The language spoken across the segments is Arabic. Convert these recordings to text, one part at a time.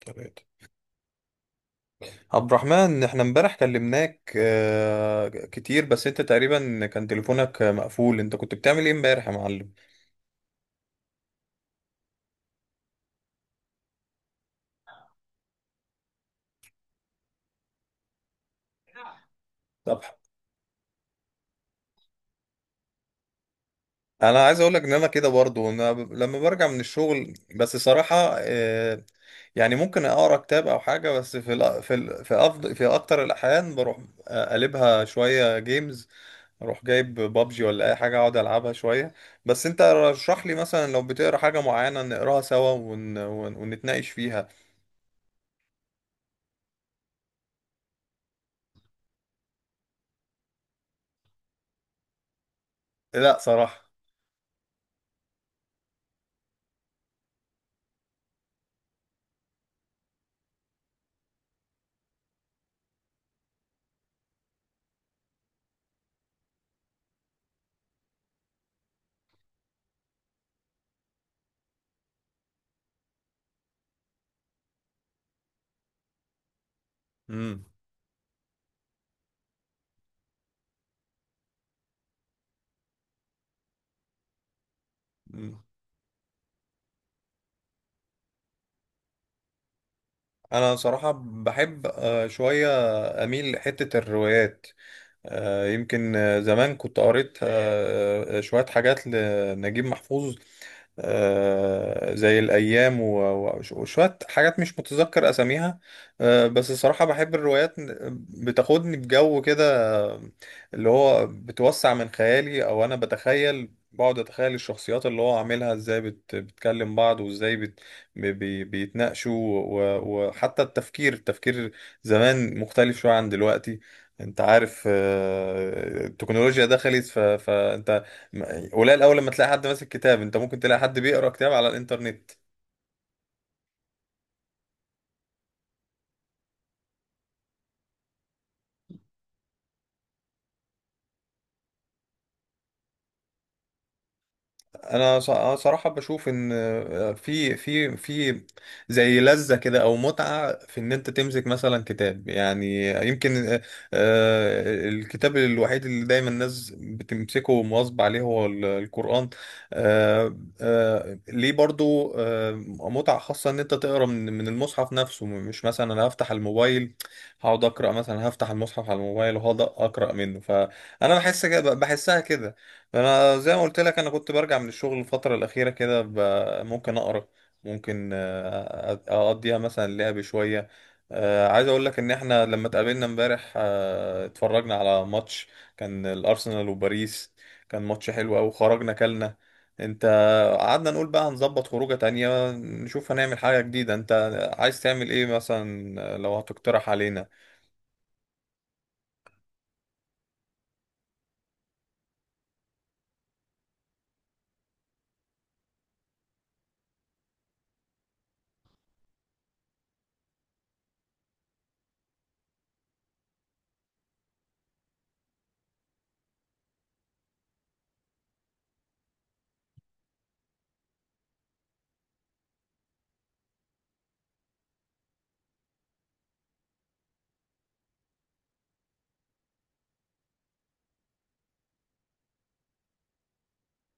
تلاتة عبد الرحمن، احنا امبارح كلمناك كتير، بس انت تقريبا كان تليفونك مقفول. انت كنت بتعمل ايه امبارح يا معلم؟ طب انا عايز اقولك ان انا كده برضو. لما برجع من الشغل بس صراحة، يعني ممكن اقرا كتاب او حاجة. بس في أفضل في اكتر الاحيان بروح اقلبها شوية جيمز، اروح جايب بابجي ولا اي حاجة اقعد العبها شوية. بس انت رشح لي مثلا لو بتقرا حاجة معينة نقراها سوا ونتناقش فيها. لا صراحة. امم امم انا صراحة بحب، شوية اميل لحتة الروايات. يمكن زمان كنت قريت، شوية حاجات لنجيب محفوظ، زي الأيام وشوية حاجات مش متذكر أساميها. بس الصراحة بحب الروايات، بتاخدني بجو كده، اللي هو بتوسع من خيالي. أو أنا بتخيل، بقعد أتخيل الشخصيات اللي هو عاملها إزاي بتكلم بعض، وإزاي بت بي بي- بيتناقشوا. وحتى التفكير زمان مختلف شوية عن دلوقتي. انت عارف، التكنولوجيا دخلت فانت قليل اول لما تلاقي حد ماسك كتاب. انت ممكن تلاقي حد بيقرا كتاب على الانترنت. أنا صراحه بشوف ان، في زي لذه كده او متعه في ان انت تمسك مثلا كتاب، يعني يمكن، الكتاب الوحيد اللي دايما الناس بتمسكه ومواظب عليه هو القران. ليه برضو؟ متعه خاصه ان انت تقرا من المصحف نفسه، مش مثلا انا هفتح الموبايل هقعد اقرا. مثلا هفتح المصحف على الموبايل وهقعد اقرا منه، فانا بحس كده، بحسها كده. انا زي ما قلت لك، انا كنت برجع من الشغل الفتره الاخيره كده ممكن اقرا، ممكن، اقضيها مثلا لعب شويه. عايز اقول لك ان احنا لما اتقابلنا امبارح، اتفرجنا على ماتش، كان الارسنال وباريس. كان ماتش حلو قوي. خرجنا كلنا، انت. قعدنا نقول بقى هنظبط خروجه تانية، نشوف هنعمل حاجه جديده. انت عايز تعمل ايه مثلا، لو هتقترح علينا؟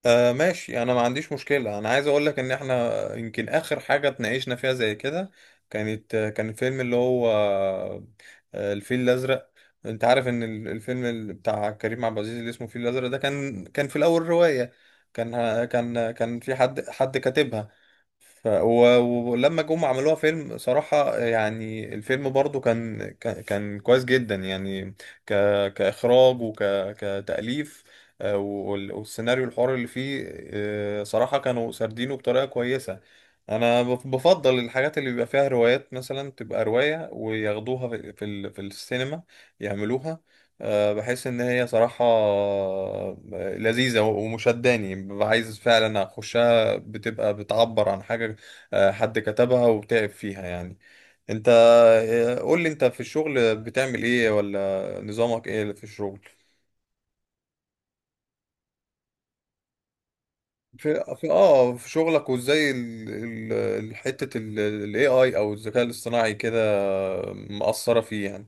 آه ماشي، انا ما عنديش مشكلة. انا عايز اقول لك ان احنا يمكن اخر حاجة اتناقشنا فيها زي كده كان الفيلم اللي هو، الفيل الازرق. انت عارف ان الفيلم بتاع كريم عبد العزيز اللي اسمه الفيل الازرق، ده كان في الاول رواية. كان في حد كاتبها. ف... و... ولما جم عملوها فيلم، صراحة يعني الفيلم برضو كان كويس جدا يعني، ك... كإخراج وك... كتأليف. والسيناريو الحوار اللي فيه، صراحة كانوا سردينه بطريقة كويسة. بفضل الحاجات اللي بيبقى فيها روايات، مثلا تبقى رواية وياخدوها في السينما يعملوها. بحس إن هي صراحة، لذيذة ومشداني، ببقى عايز فعلا أخش، بتبقى بتعبر عن حاجة، حد كتبها وتعب فيها يعني. انت، قول لي انت في الشغل بتعمل ايه، ولا نظامك ايه في الشغل؟ في شغلك، وازاي حتة الاي اي او الذكاء الاصطناعي كده مأثرة فيه يعني؟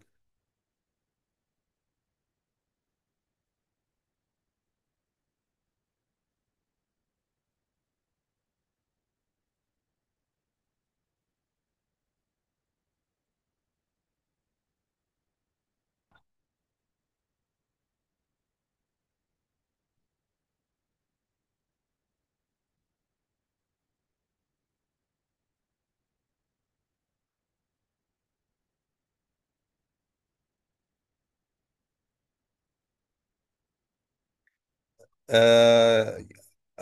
آه،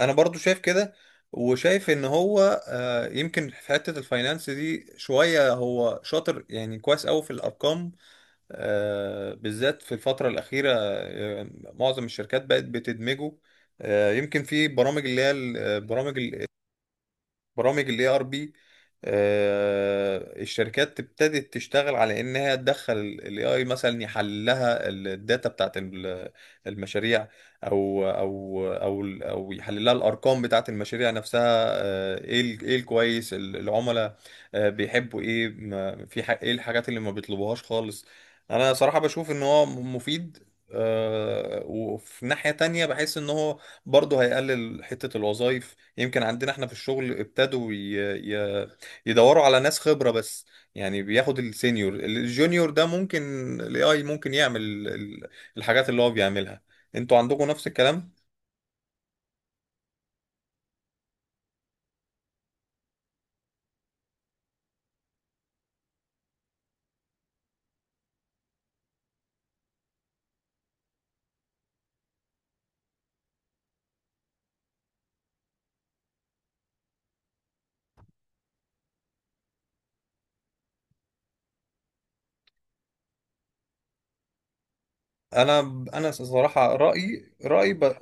انا برضو شايف كده. وشايف ان هو آه، يمكن في حتة الفاينانس دي شوية هو شاطر، يعني كويس قوي في الارقام. بالذات في الفترة الأخيرة، معظم الشركات بقت بتدمجه. يمكن في برامج، اللي هي برامج الـ ERP. الشركات ابتدت تشتغل على انها تدخل الـ AI، مثلا يحلل لها الداتا بتاعت المشاريع، او يحلل لها الارقام بتاعت المشاريع نفسها. ايه الكويس، العملاء بيحبوا ايه، ايه الحاجات اللي ما بيطلبوهاش خالص. انا صراحة بشوف ان هو مفيد. وفي ناحية تانية بحس ان هو برضه هيقلل حتة الوظائف. يمكن عندنا احنا في الشغل ابتدوا ي... يدوروا على ناس خبرة بس. يعني بياخد السينيور، الجونيور ده ممكن الـ AI ممكن يعمل الحاجات اللي هو بيعملها. انتوا عندكم نفس الكلام؟ انا انا صراحة رأيي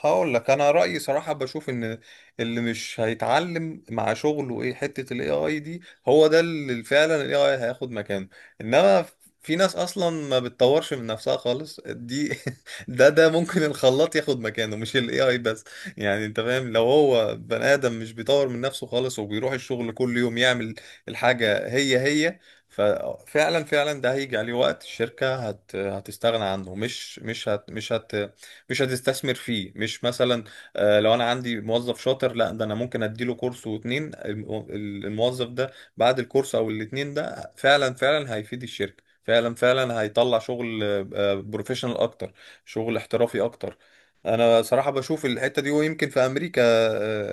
هقول لك انا رايي صراحه، بشوف ان اللي مش هيتعلم مع شغله ايه حته الـ AI دي، هو ده اللي فعلا الـ AI هياخد مكانه. انما في ناس اصلا ما بتطورش من نفسها خالص دي، ده ممكن الخلاط ياخد مكانه مش الـ AI بس. يعني انت فاهم، لو هو بني ادم مش بيطور من نفسه خالص، وبيروح الشغل كل يوم يعمل الحاجه هي هي، ففعلا ده هيجي عليه وقت الشركه هتستغنى عنه. مش هتستثمر فيه. مش مثلا، لو انا عندي موظف شاطر، لا ده انا ممكن اديله كورس واتنين. الموظف ده بعد الكورس او الاتنين ده، فعلا هيفيد الشركة، فعلا هيطلع شغل بروفيشنال اكتر، شغل احترافي اكتر. انا صراحة بشوف الحتة دي. ويمكن في امريكا، آه،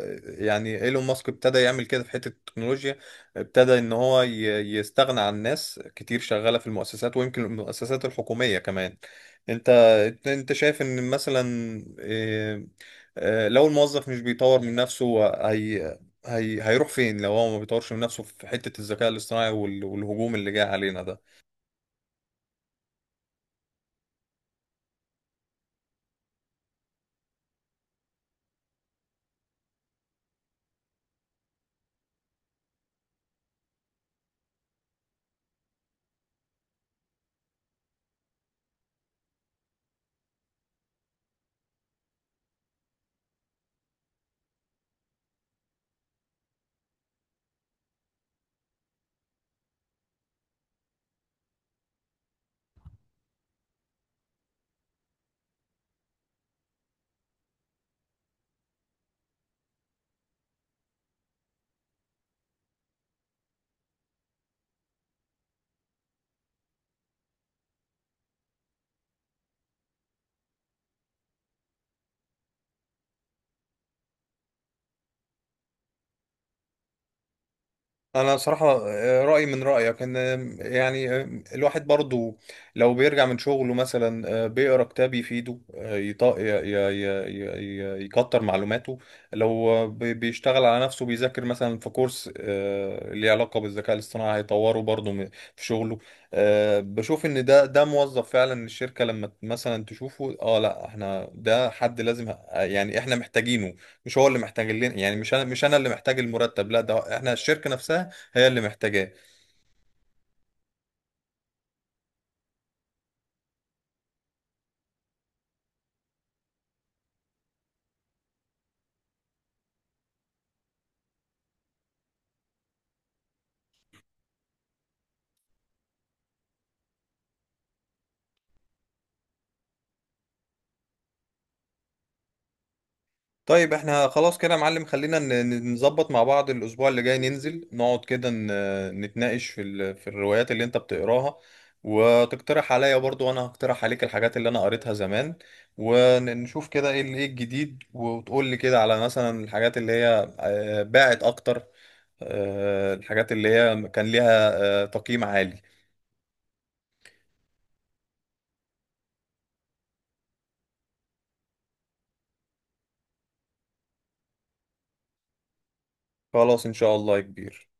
آه، يعني ايلون ماسك ابتدى يعمل كده في حتة التكنولوجيا. ابتدى ان هو يستغنى عن ناس كتير شغالة في المؤسسات، ويمكن المؤسسات الحكومية كمان. انت، انت شايف ان مثلا، إيه، لو الموظف مش بيطور من نفسه، هي هيروح فين لو هو ما بيطورش من نفسه في حتة الذكاء الاصطناعي والهجوم اللي جاي علينا ده؟ انا صراحة، رأيي من رأيك. ان يعني الواحد برضو لو بيرجع من شغله مثلا، بيقرا كتاب يفيده، يكتر معلوماته. لو بيشتغل على نفسه، بيذاكر مثلا في كورس، ليه علاقة بالذكاء الاصطناعي، هيطوره برضو في شغله. بشوف ان ده موظف فعلا. الشركة لما مثلا تشوفه، اه لا احنا ده حد لازم، يعني احنا محتاجينه، مش هو اللي محتاج لنا. يعني مش انا اللي محتاج المرتب، لا ده احنا الشركة نفسها هي اللي محتاجاه. طيب احنا خلاص كده يا معلم. خلينا نظبط مع بعض الاسبوع اللي جاي، ننزل نقعد كده نتناقش في في الروايات اللي انت بتقراها، وتقترح عليا برضو، وانا هقترح عليك الحاجات اللي انا قريتها زمان، ونشوف كده ايه ايه الجديد. وتقول لي كده على مثلا الحاجات اللي هي باعت اكتر، الحاجات اللي هي كان ليها تقييم عالي. خلاص ان شاء الله يا كبير.